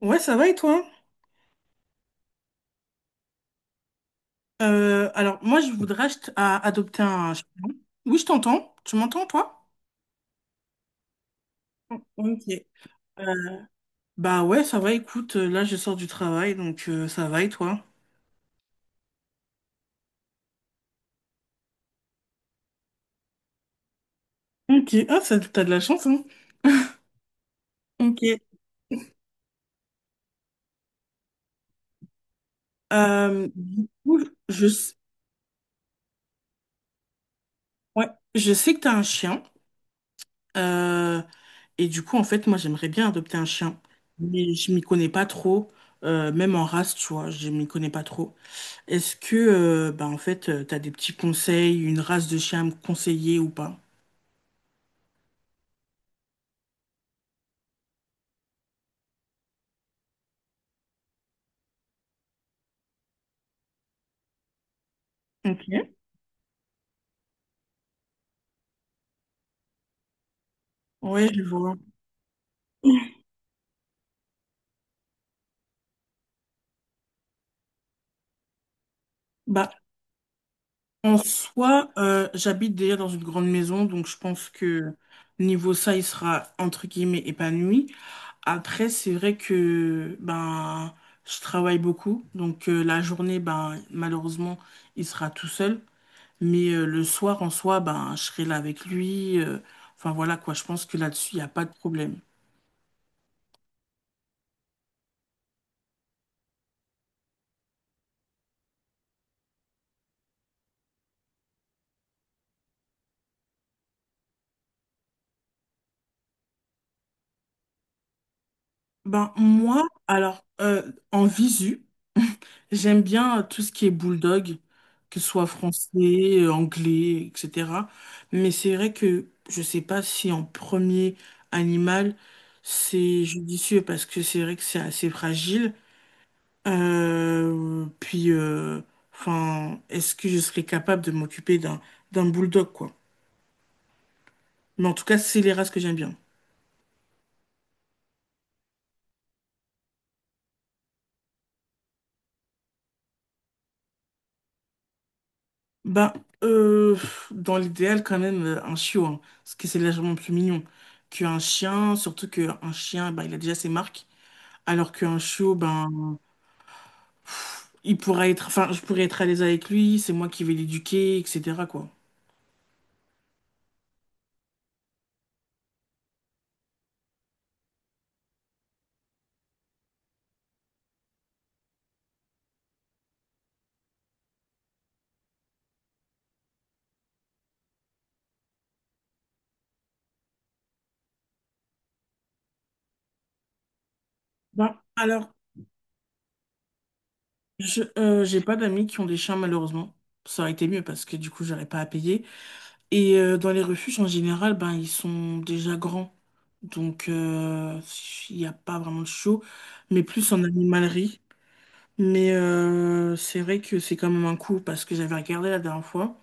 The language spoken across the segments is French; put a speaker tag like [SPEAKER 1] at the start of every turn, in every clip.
[SPEAKER 1] Ouais, ça va et toi? Moi, je voudrais adopter un chien. Oui, je t'entends. Tu m'entends, toi? Ok. Euh, Bah ouais, ça va, écoute, là, je sors du travail, donc ça va et toi? Ok. Ah, ça, t'as de la chance, hein? Ok. Euh, du coup, je, s- ouais, je sais que t'as un chien. euh, et du coup, en fait, moi, j'aimerais bien adopter un chien. Mais je m'y connais pas trop, même en race, tu vois, je m'y connais pas trop. Est-ce que, En fait, t'as des petits conseils, une race de chien à me conseiller ou pas? Ok. Ouais, je vois. Bah, en soi, j'habite déjà dans une grande maison, donc je pense que niveau ça, il sera entre guillemets épanoui. Après, c'est vrai que ben je travaille beaucoup, donc la journée, ben malheureusement, il sera tout seul. Mais le soir, en soi, ben je serai là avec lui. Enfin voilà quoi, je pense que là-dessus, il n'y a pas de problème. Ben, moi, alors, en visu, j'aime bien tout ce qui est bulldog, que ce soit français, anglais, etc. Mais c'est vrai que je sais pas si en premier animal, c'est judicieux parce que c'est vrai que c'est assez fragile. Euh, puis, euh, enfin, est-ce que je serais capable de m'occuper d'un bulldog, quoi? Mais en tout cas, c'est les races que j'aime bien. Ben, euh, dans l'idéal, quand même, un chiot, hein, parce que c'est légèrement plus mignon qu'un chien, surtout qu'un chien, ben, il a déjà ses marques, alors qu'un chiot, ben, il pourra être, enfin, je pourrais être à l'aise avec lui, c'est moi qui vais l'éduquer, etc., quoi. Ben, alors, j'ai pas d'amis qui ont des chiens, malheureusement. Ça aurait été mieux parce que du coup, j'aurais pas à payer. Et dans les refuges, en général, ben, ils sont déjà grands, donc il n'y a pas vraiment de chiot, mais plus en animalerie. Mais c'est vrai que c'est quand même un coût parce que j'avais regardé la dernière fois.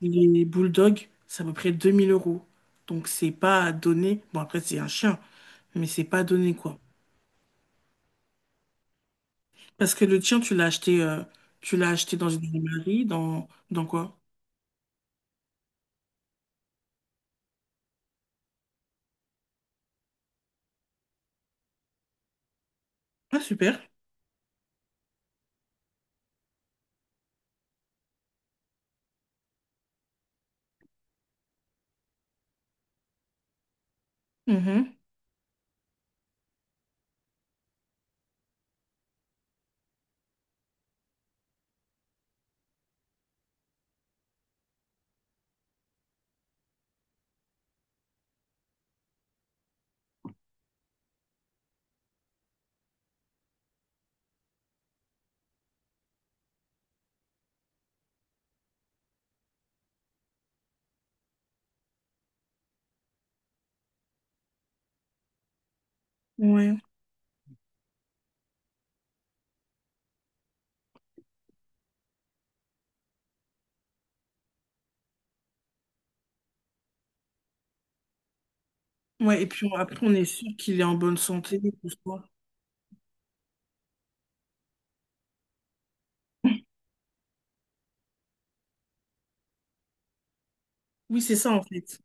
[SPEAKER 1] Les bulldogs, c'est à peu près 2000 euros. Donc c'est pas à donner. Bon après c'est un chien, mais c'est pas à donner quoi. Parce que le tien, tu l'as acheté dans une animalerie, dans quoi? Ah super. Mhm. Ouais. Ouais, et puis on- après on est sûr qu'il est en bonne santé, tout ça. Oui, c'est ça en fait.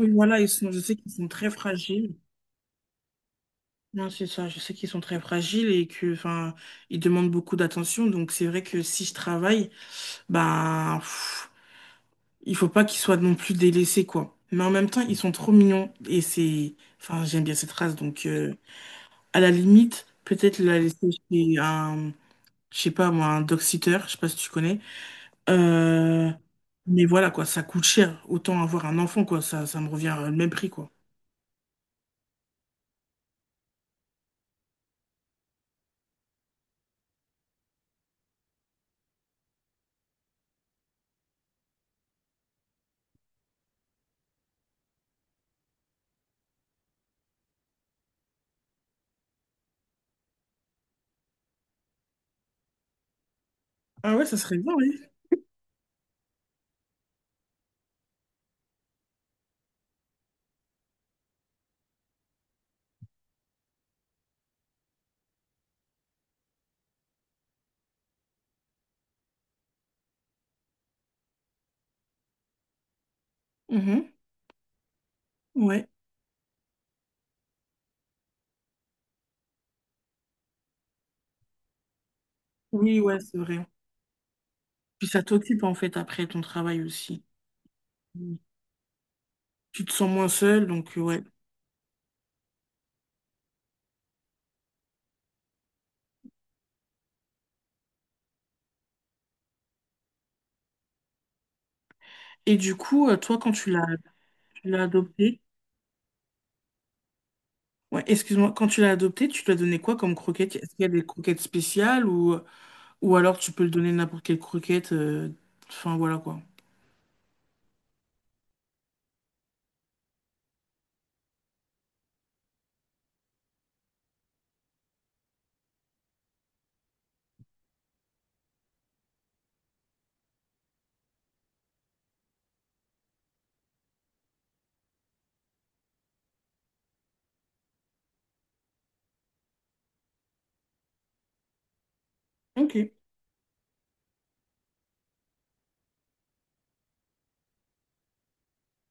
[SPEAKER 1] Oui, voilà, je sais qu'ils sont très fragiles. Non, c'est ça. Je sais qu'ils sont très fragiles et que, enfin, ils demandent beaucoup d'attention. Donc, c'est vrai que si je travaille, ben, pff, il faut pas qu'ils soient non plus délaissés, quoi. Mais en même temps, ils sont trop mignons et c'est, enfin, j'aime bien cette race. Donc, à la limite, peut-être la laisser chez un, je sais pas moi, un dog sitter. Je sais pas si tu connais. Euh, mais voilà, quoi. Ça coûte cher. Autant avoir un enfant, quoi. Ça me revient au même prix, quoi. Ah ouais, ça serait bien, oui. Mhm. Ouais. Oui, ouais, c'est vrai. Puis ça t'occupe en fait après ton travail aussi. Mm. Tu te sens moins seul, donc ouais. Et du coup, toi, quand tu l'as adopté, ouais, excuse-moi, quand tu l'as adopté, tu lui as donné quoi comme croquette? Est-ce qu'il y a des croquettes spéciales ou alors tu peux le donner n'importe quelle croquette, enfin voilà quoi. Ok.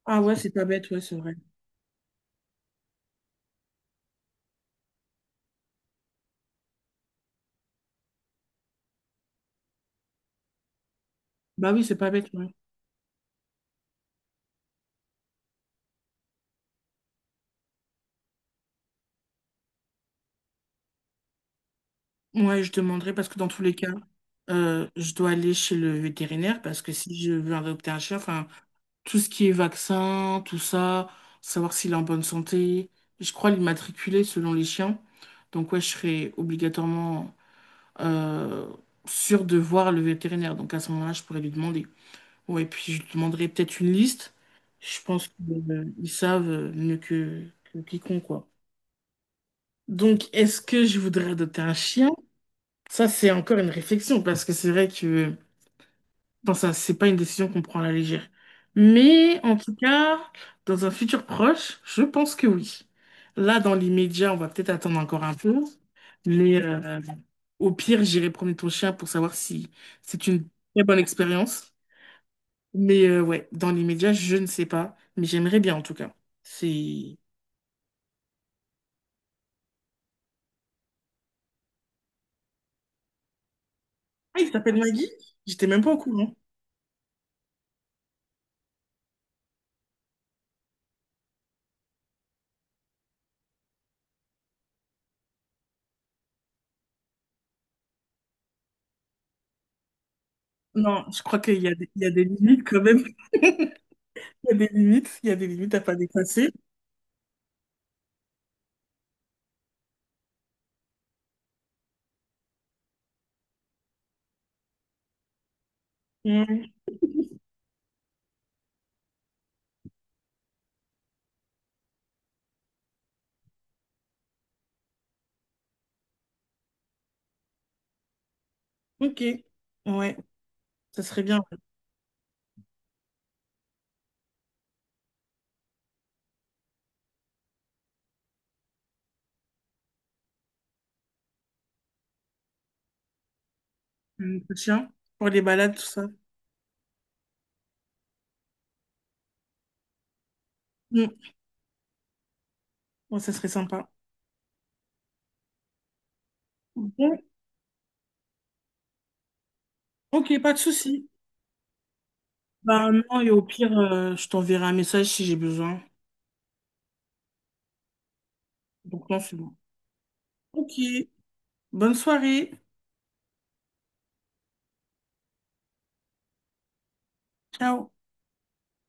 [SPEAKER 1] Ah ouais, c'est pas bête, ouais, c'est vrai. Bah oui, c'est pas bête, ouais. Ouais, je demanderai parce que dans tous les cas, je dois aller chez le vétérinaire parce que si je veux adopter un chien, enfin, tout ce qui est vaccin, tout ça, savoir s'il est en bonne santé. Je crois l'immatriculer selon les chiens. Donc ouais, je serais obligatoirement euh, sûr de voir le vétérinaire. Donc à ce moment-là, je pourrais lui demander. Ouais, puis je lui demanderais peut-être une liste. Je pense qu'ils savent mieux que quiconque, quoi. Donc est-ce que je voudrais adopter un chien? Ça, c'est encore une réflexion, parce que c'est vrai que bon, ça, c'est pas une décision qu'on prend à la légère. Mais en tout cas, dans un futur proche, je pense que oui. Là, dans l'immédiat, on va peut-être attendre encore un peu. Mais au pire, j'irai promener ton chien pour savoir si c'est une très bonne expérience. Mais ouais, dans l'immédiat, je ne sais pas. Mais j'aimerais bien en tout cas. C'est... Ah, il s'appelle Maggie? J'étais même pas au courant. Non, je crois qu'il y a des, il y a des limites quand même. Il y a des limites. Il y a des limites à pas dépasser. Mm. Ok. Ouais. Ça serait bien, ouais. Un petit chien, pour les balades, tout ça. Mm. Ouais, ça serait sympa. Bon, ok, pas de souci. Bah non, et au pire, je t'enverrai un message si j'ai besoin. Donc non, c'est bon. Ok, bonne soirée. Ciao.